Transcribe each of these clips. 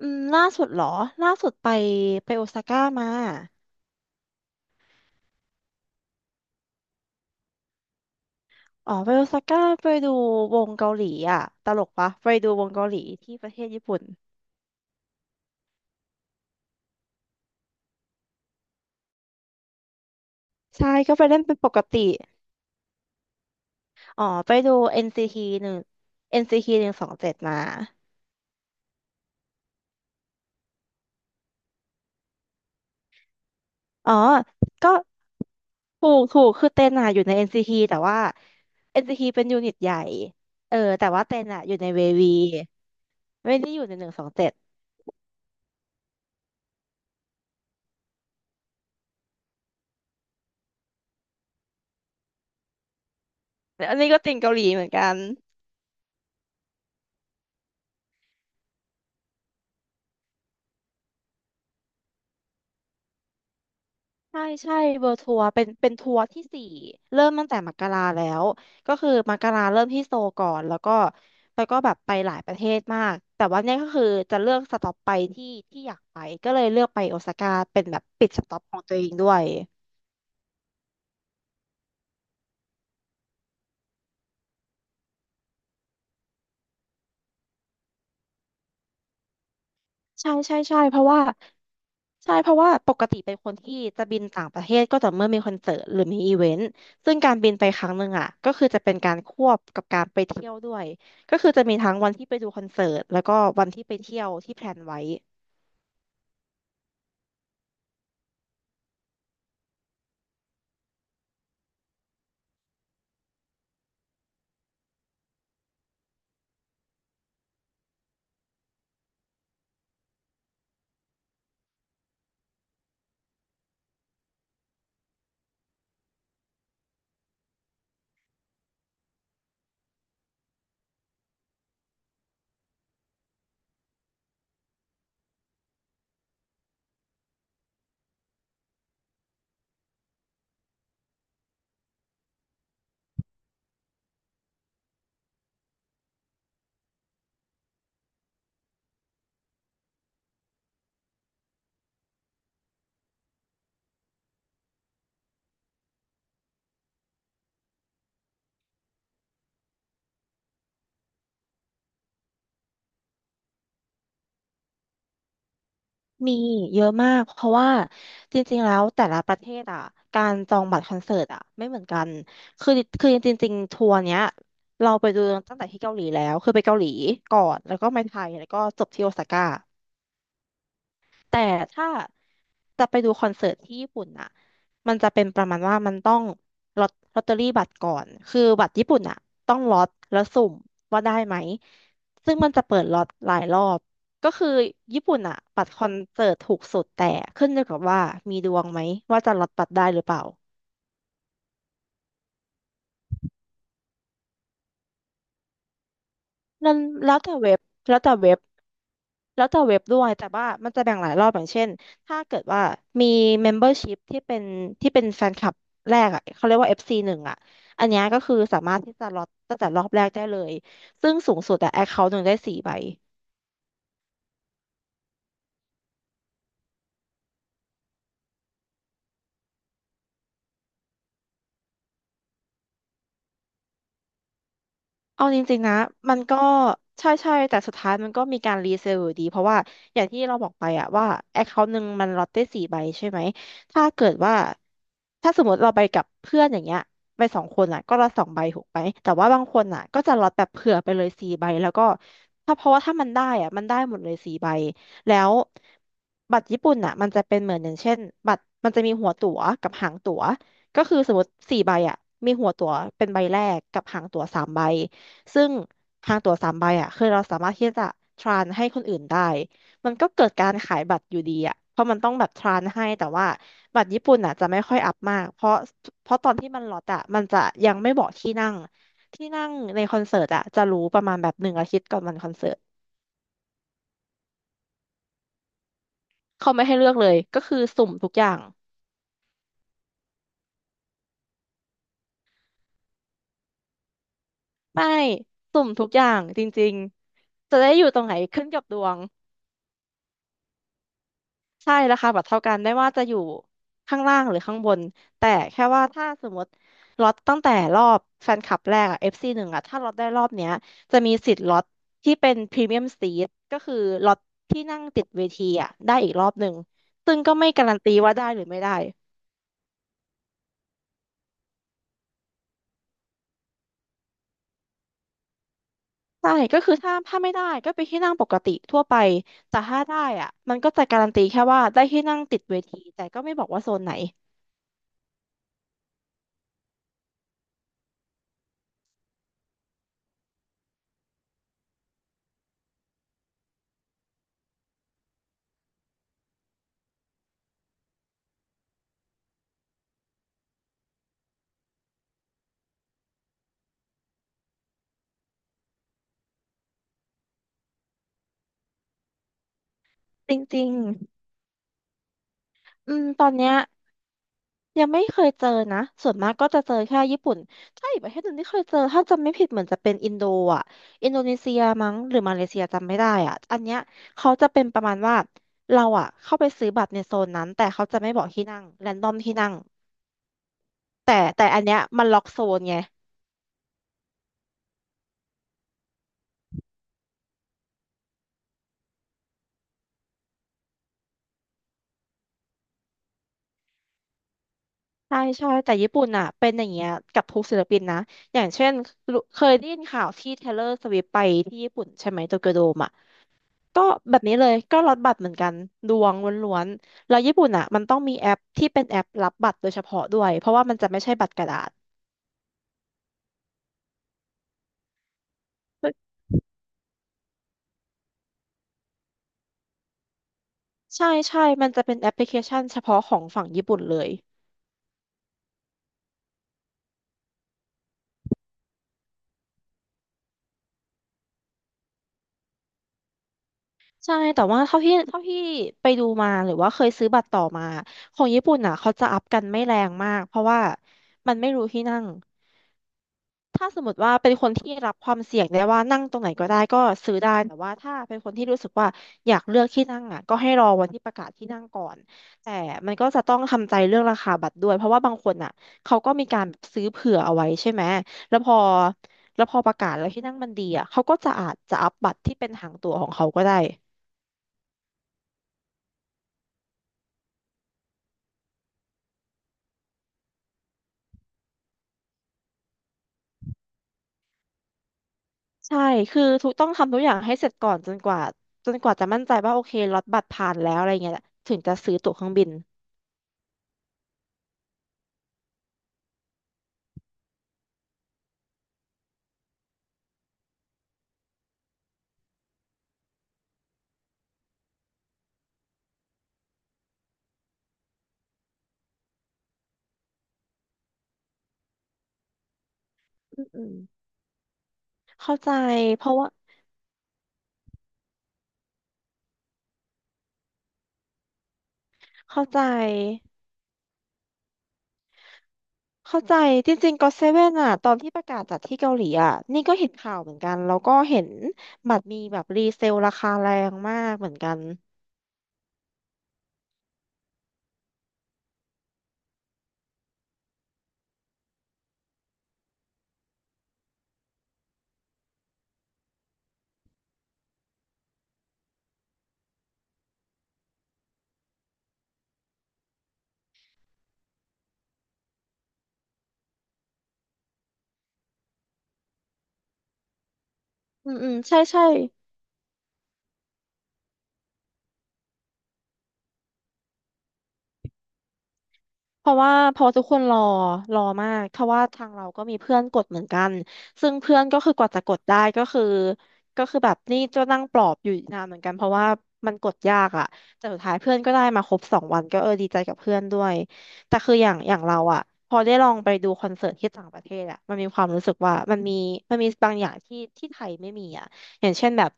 ล่าสุดเหรอล่าสุดไปโอซาก้ามาอ๋อไปโอซาก้าไปดูวงเกาหลีอ่ะตลกปะไปดูวงเกาหลีที่ประเทศญี่ปุ่นใช่ก็ไปเล่นเป็นปกติอ๋อไปดู NCT หนึ่ง NCT หนึ่งสองเจ็ดมาอ๋อก็ถูกคือเต้นอ่ะอยู่ใน NCT แต่ว่า NCT เป็นยูนิตใหญ่เออแต่ว่าเต้นอ่ะอยู่ในเววีไม่ได้อยู่ในหนึ่งสองเจ็ดแต่อันนี้ก็ติ่งเกาหลีเหมือนกัน ใช่ใช่เวิลด์ทัวร์เป็นทัวร์ที่สี่เริ่มตั้งแต่มกราแล้วก็คือมกราเริ่มที่โซลก่อนแล้วก็แล้วก็แบบไปหลายประเทศมากแต่ว่าเนี่ยก็คือจะเลือกสต็อปไปที่ที่อยากไปก็เลยเลือกไปโอซาก้าเป็นแบบปิดสต็อปของตัวเองด้วย ใช่ใช่ใช่เพราะว่าใช่เพราะว่าปกติเป็นคนที่จะบินต่างประเทศก็ต่อเมื่อมีคอนเสิร์ตหรือมีอีเวนต์ซึ่งการบินไปครั้งหนึ่งอ่ะก็คือจะเป็นการควบกับการไปเที่ยวด้วยก็คือจะมีทั้งวันที่ไปดูคอนเสิร์ตแล้วก็วันที่ไปเที่ยวที่แพลนไว้มีเยอะมากเพราะว่าจริงๆแล้วแต่ละประเทศอ่ะการจองบัตรคอนเสิร์ตอ่ะไม่เหมือนกันคือคือจริงๆทัวร์เนี้ยเราไปดูตั้งแต่ที่เกาหลีแล้วคือไปเกาหลีก่อนแล้วก็มาไทยแล้วก็จบที่โอซาก้า แต่ถ้าจะไปดูคอนเสิร์ตที่ญี่ปุ่นน่ะมันจะเป็นประมาณว่ามันต้องลอตเตอรี่บัตรก่อน คือบัตรญี่ปุ่นน่ะต้องล็อตแล้วสุ่มว่าได้ไหม ซึ่งมันจะเปิดล็อตหลายรอบก็คือญี่ปุ่นน่ะบัตรคอนเสิร์ตถูกสุดแต่ขึ้นอยู่กับว่ามีดวงไหมว่าจะล็อตบัตรได้หรือเปล่านั้นแล้วแต่เว็บแล้วแต่เว็บ แล้วแต่เว็บด้วยแต่ว่ามันจะแบ่งหลายรอบอย่างเช่นถ้าเกิดว่ามี membership ที่เป็นแฟนคลับแรกอ่ะเขาเรียกว่า FC หนึ่งอ่ะอันเนี้ยก็คือสามารถที่จะล็อตตั้งแต่รอบแรกได้เลยซึ่งสูงสุดอะ account หนึ่งได้สี่ใบ เอาจริงๆนะมันก็ใช่ใช่แต่สุดท้ายมันก็มีการรีเซลอยู่ดีเพราะว่าอย่างที่เราบอกไปอะว่าแอคเคาท์หนึ่งมันล็อตได้สี่ใบใช่ไหมถ้าเกิดว่าถ้าสมมติเราไปกับเพื่อนอย่างเงี้ยไปสองคนอะก็ละสองใบถูกไหมแต่ว่าบางคนอะก็จะล็อตแบบเผื่อไปเลยสี่ใบแล้วก็เพราะว่าถ้ามันได้อะมันได้หมดเลยสี่ใบแล้วบัตรญี่ปุ่นอะมันจะเป็นเหมือนอย่างเช่นบัตรมันจะมีหัวตั๋วกับหางตั๋วก็คือสมมติสี่ใบอะมีหัวตั๋วเป็นใบแรกกับหางตั๋วสามใบ ซึ่งทางตั๋วสามใบอ่ะคือเราสามารถที่จะทรานให้คนอื่นได้ มันก็เกิดการขายบัตรอยู่ดีอ่ะเพราะมันต้องแบบทรานให้แต่ว่าบัตรญี่ปุ่นอ่ะจะไม่ค่อยอัพมากเพราะเพราะตอนที่มันล็อตอ่ะมันจะยังไม่บอกที่นั่งที่นั่งในคอนเสิร์ตอ่ะจะรู้ประมาณแบบหนึ่งอาทิตย์ก่อนวันคอนเสิร์ตเขาไม่ให้เลือกเลย ก็คือสุ่มทุกอย่างไม่สุ่มทุกอย่างจริงๆจะได้อยู่ตรงไหนขึ้นกับดวง ใช่ราคาบัตรเท่ากันได้ว่าจะอยู่ข้างล่างหรือข้างบนแต่แค่ว่าถ้าสมมติล็อตตั้งแต่รอบแฟนคลับแรกอะ FC หนึ่งอะถ้าล็อตได้รอบเนี้ยจะมีสิทธิ์ล็อตที่เป็นพรีเมียมซีทก็คือล็อตที่นั่งติดเวทีอะได้อีกรอบหนึ่งซึ่งก็ไม่การันตีว่าได้หรือไม่ได้ใช่ก็คือถ้าไม่ได้ก็ไปที่นั่งปกติทั่วไปแต่ถ้าได้อะมันก็จะการันตีแค่ว่าได้ที่นั่งติดเวทีแต่ก็ไม่บอกว่าโซนไหนจริงๆตอนเนี้ย ยังไม่เคยเจอนะ ส่วนมากก็จะเจอแค่ญี่ปุ่นถ้าอีกประเทศหนึ่งที่เคยเจอถ้าจำไม่ผิดเหมือนจะเป็นอินโดอ่ะอินโดนีเซียมั้งหรือมาเลเซียจำไม่ได้อ่ะอันเนี้ยเขาจะเป็นประมาณว่าเราอ่ะเข้าไปซื้อบัตรในโซนนั้นแต่เขาจะไม่บอกที่นั่งแรนดอมที่นั่งแต่อันเนี้ยมันล็อกโซนไงใช่ใช่แต่ญี่ปุ่นอ่ะเป็นอย่างเงี้ยกับทุกศิลปินนะอย่างเช่นรู้เคยได้ยินข่าวที่เทเลอร์สวิฟไปที่ญี่ปุ่นใช่ไหมโตเกียวโดมอ่ะ ก็แบบนี้เลยก็ลดบัตรเหมือนกันดวงล้วนๆแล้วญี่ปุ่นอ่ะมันต้องมีแอปที่เป็นแอปรับบัตรโดยเฉพาะด้วยเพราะว่ามันจะไม่ใช่บัตรกระดาษใช่ใช่มันจะเป็นแอปพลิเคชันเฉพาะของฝั่งญี่ปุ่นเลยใช่แต่ว่าเท่าที่ไปดูมาหรือว่าเคยซื้อบัตรต่อมาของญี่ปุ่นอ่ะเขาจะอัพกันไม่แรงมากเพราะว่ามันไม่รู้ที่นั่ง ถ้าสมมติว่าเป็นคนที่รับความเสี่ยงได้ว่านั่งตรงไหนก็ได้ก็ซื้อได้แต่ว่าถ้าเป็นคนที่รู้สึกว่าอยากเลือกที่นั่งอ่ะก็ให้รอวันที่ประกาศที่นั่งก่อนแต่มันก็จะต้องทำใจเรื่องราคาบัตรด้วยเพราะว่าบางคนอ่ะเขาก็มีการซื้อเผื่อเอาไว้ใช่ไหมแล้วพอแล้วพอประกาศแล้วที่นั่งมันดีอ่ะเขาก็จะอาจจะอัพบัตรที่เป็นหางตั๋วของเขาก็ได้ใช่คือทุกต้องทำทุกอย่างให้เสร็จก่อนจนกว่าจะมั่นใจว่าโอเคล็อตบัตรผ่านแล้วอะไรเงี้ยถึงจะซื้อตั๋วเครื่องบินอืมอืมเข้าใจเพราะว่า เข้าใจเข้าใจ จริงๆก็เซเว่นอ่ะตอนที่ประกาศจัดที่เกาหลีอ่ะนี่ก็เห็นข่าวเหมือนกัน แล้วก็เห็นบัตรมีแบบรีเซลราคาแรงมากเหมือนกันอืมอืมใช่ใช่ เพราะว่าพอทุกคนรอมากเพราะว่าทางเราก็มีเพื่อนกดเหมือนกันซึ่งเพื่อนก็คือกว่าจะกดได้ก็คือแบบนี่จะนั่งปลอบอยู่นานเหมือนกันเพราะว่ามันกดยากอะแต่สุดท้ายเพื่อนก็ได้มาครบสองวันก็เออดีใจกับเพื่อนด้วยแต่คืออย่างเราอะพอได้ลองไปดูคอนเสิร์ตที่ต่างประเทศอะมันมีความรู้สึกว่ามันมีบางอย่างที่ที่ไทยไม่มีอะอย่างเช่นแบบ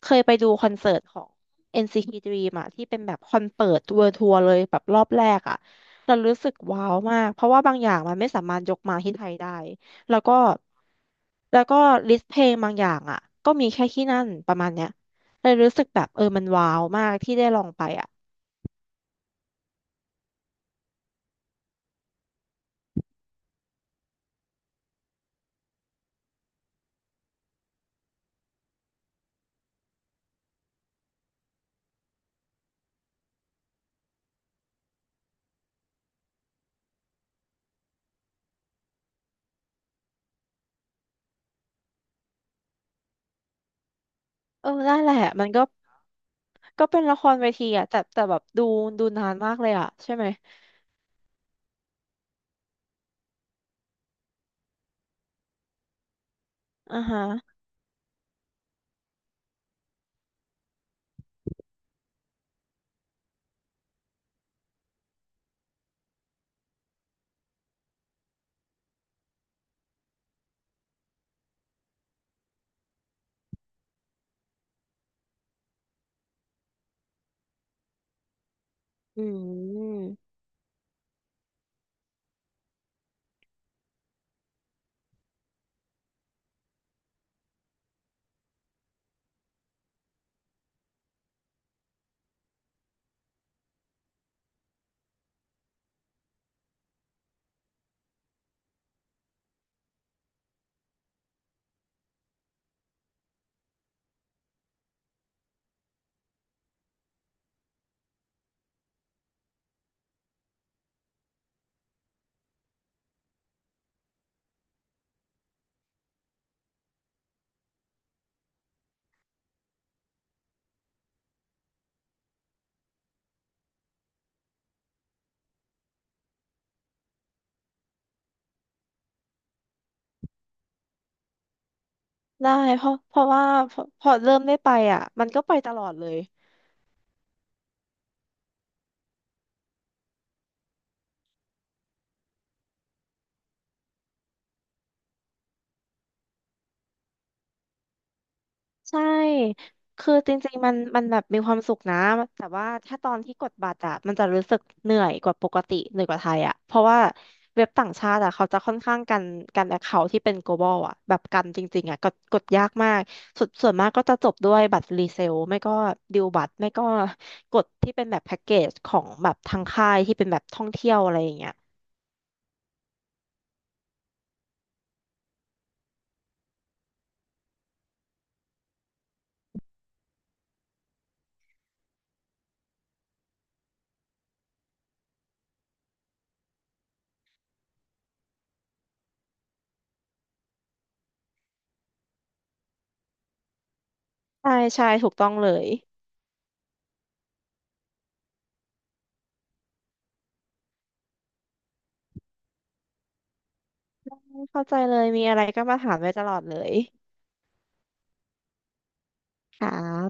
เคยไปดูคอนเสิร์ตของ NCT Dream อะที่เป็นแบบคอนเปิดเวิลด์ทัวร์เลยแบบรอบแรกอะ เรารู้สึกว้าวมากเพราะว่าบางอย่างมันไม่สามารถยกมาที่ไทยได้แล้วก็แล้วก็ลิสต์เพลงบางอย่างอ่ะก็มีแค่ที่นั่นประมาณเนี้ยเลยรู้สึกแบบเออมันว้าวมากที่ได้ลองไปอ่ะเออนั่นแหละมันก็ก็เป็นละครเวทีอ่ะแต่แต่แบบดูดูนานมากเลยอ่ะใช่ไหมอ่าฮะอืมได้เพราะเพราะว่าพอพอเริ่มได้ไปอ่ะมันก็ไปตลอดเลย ใช่ คือจริงๆ มันมันแบบมีความสุขนะแต่ว่าถ้าตอนที่กดบัตรอะมันจะรู้สึกเหนื่อยกว่าปกติ เหนื่อยกว่าไทยอะเพราะว่าเว็บต่างชาติอะเขาจะค่อนข้างกัน กันแอคเคาท์ที่เป็น global อะแบบกันจริงๆอะกดยากมากส่วนมากก็จะจบด้วยบัตรรีเซลไม่ก็ดิวบัตร ไม่ก็กดที่เป็นแบบแพ็กเกจของแบบทางค่ายที่เป็นแบบท่องเที่ยวอะไรอย่างเงี้ยใช่ใช่ถูกต้องเลยเข้าใจเลยมีอะไรก็มาถามได้ตลอดเลยค่ะ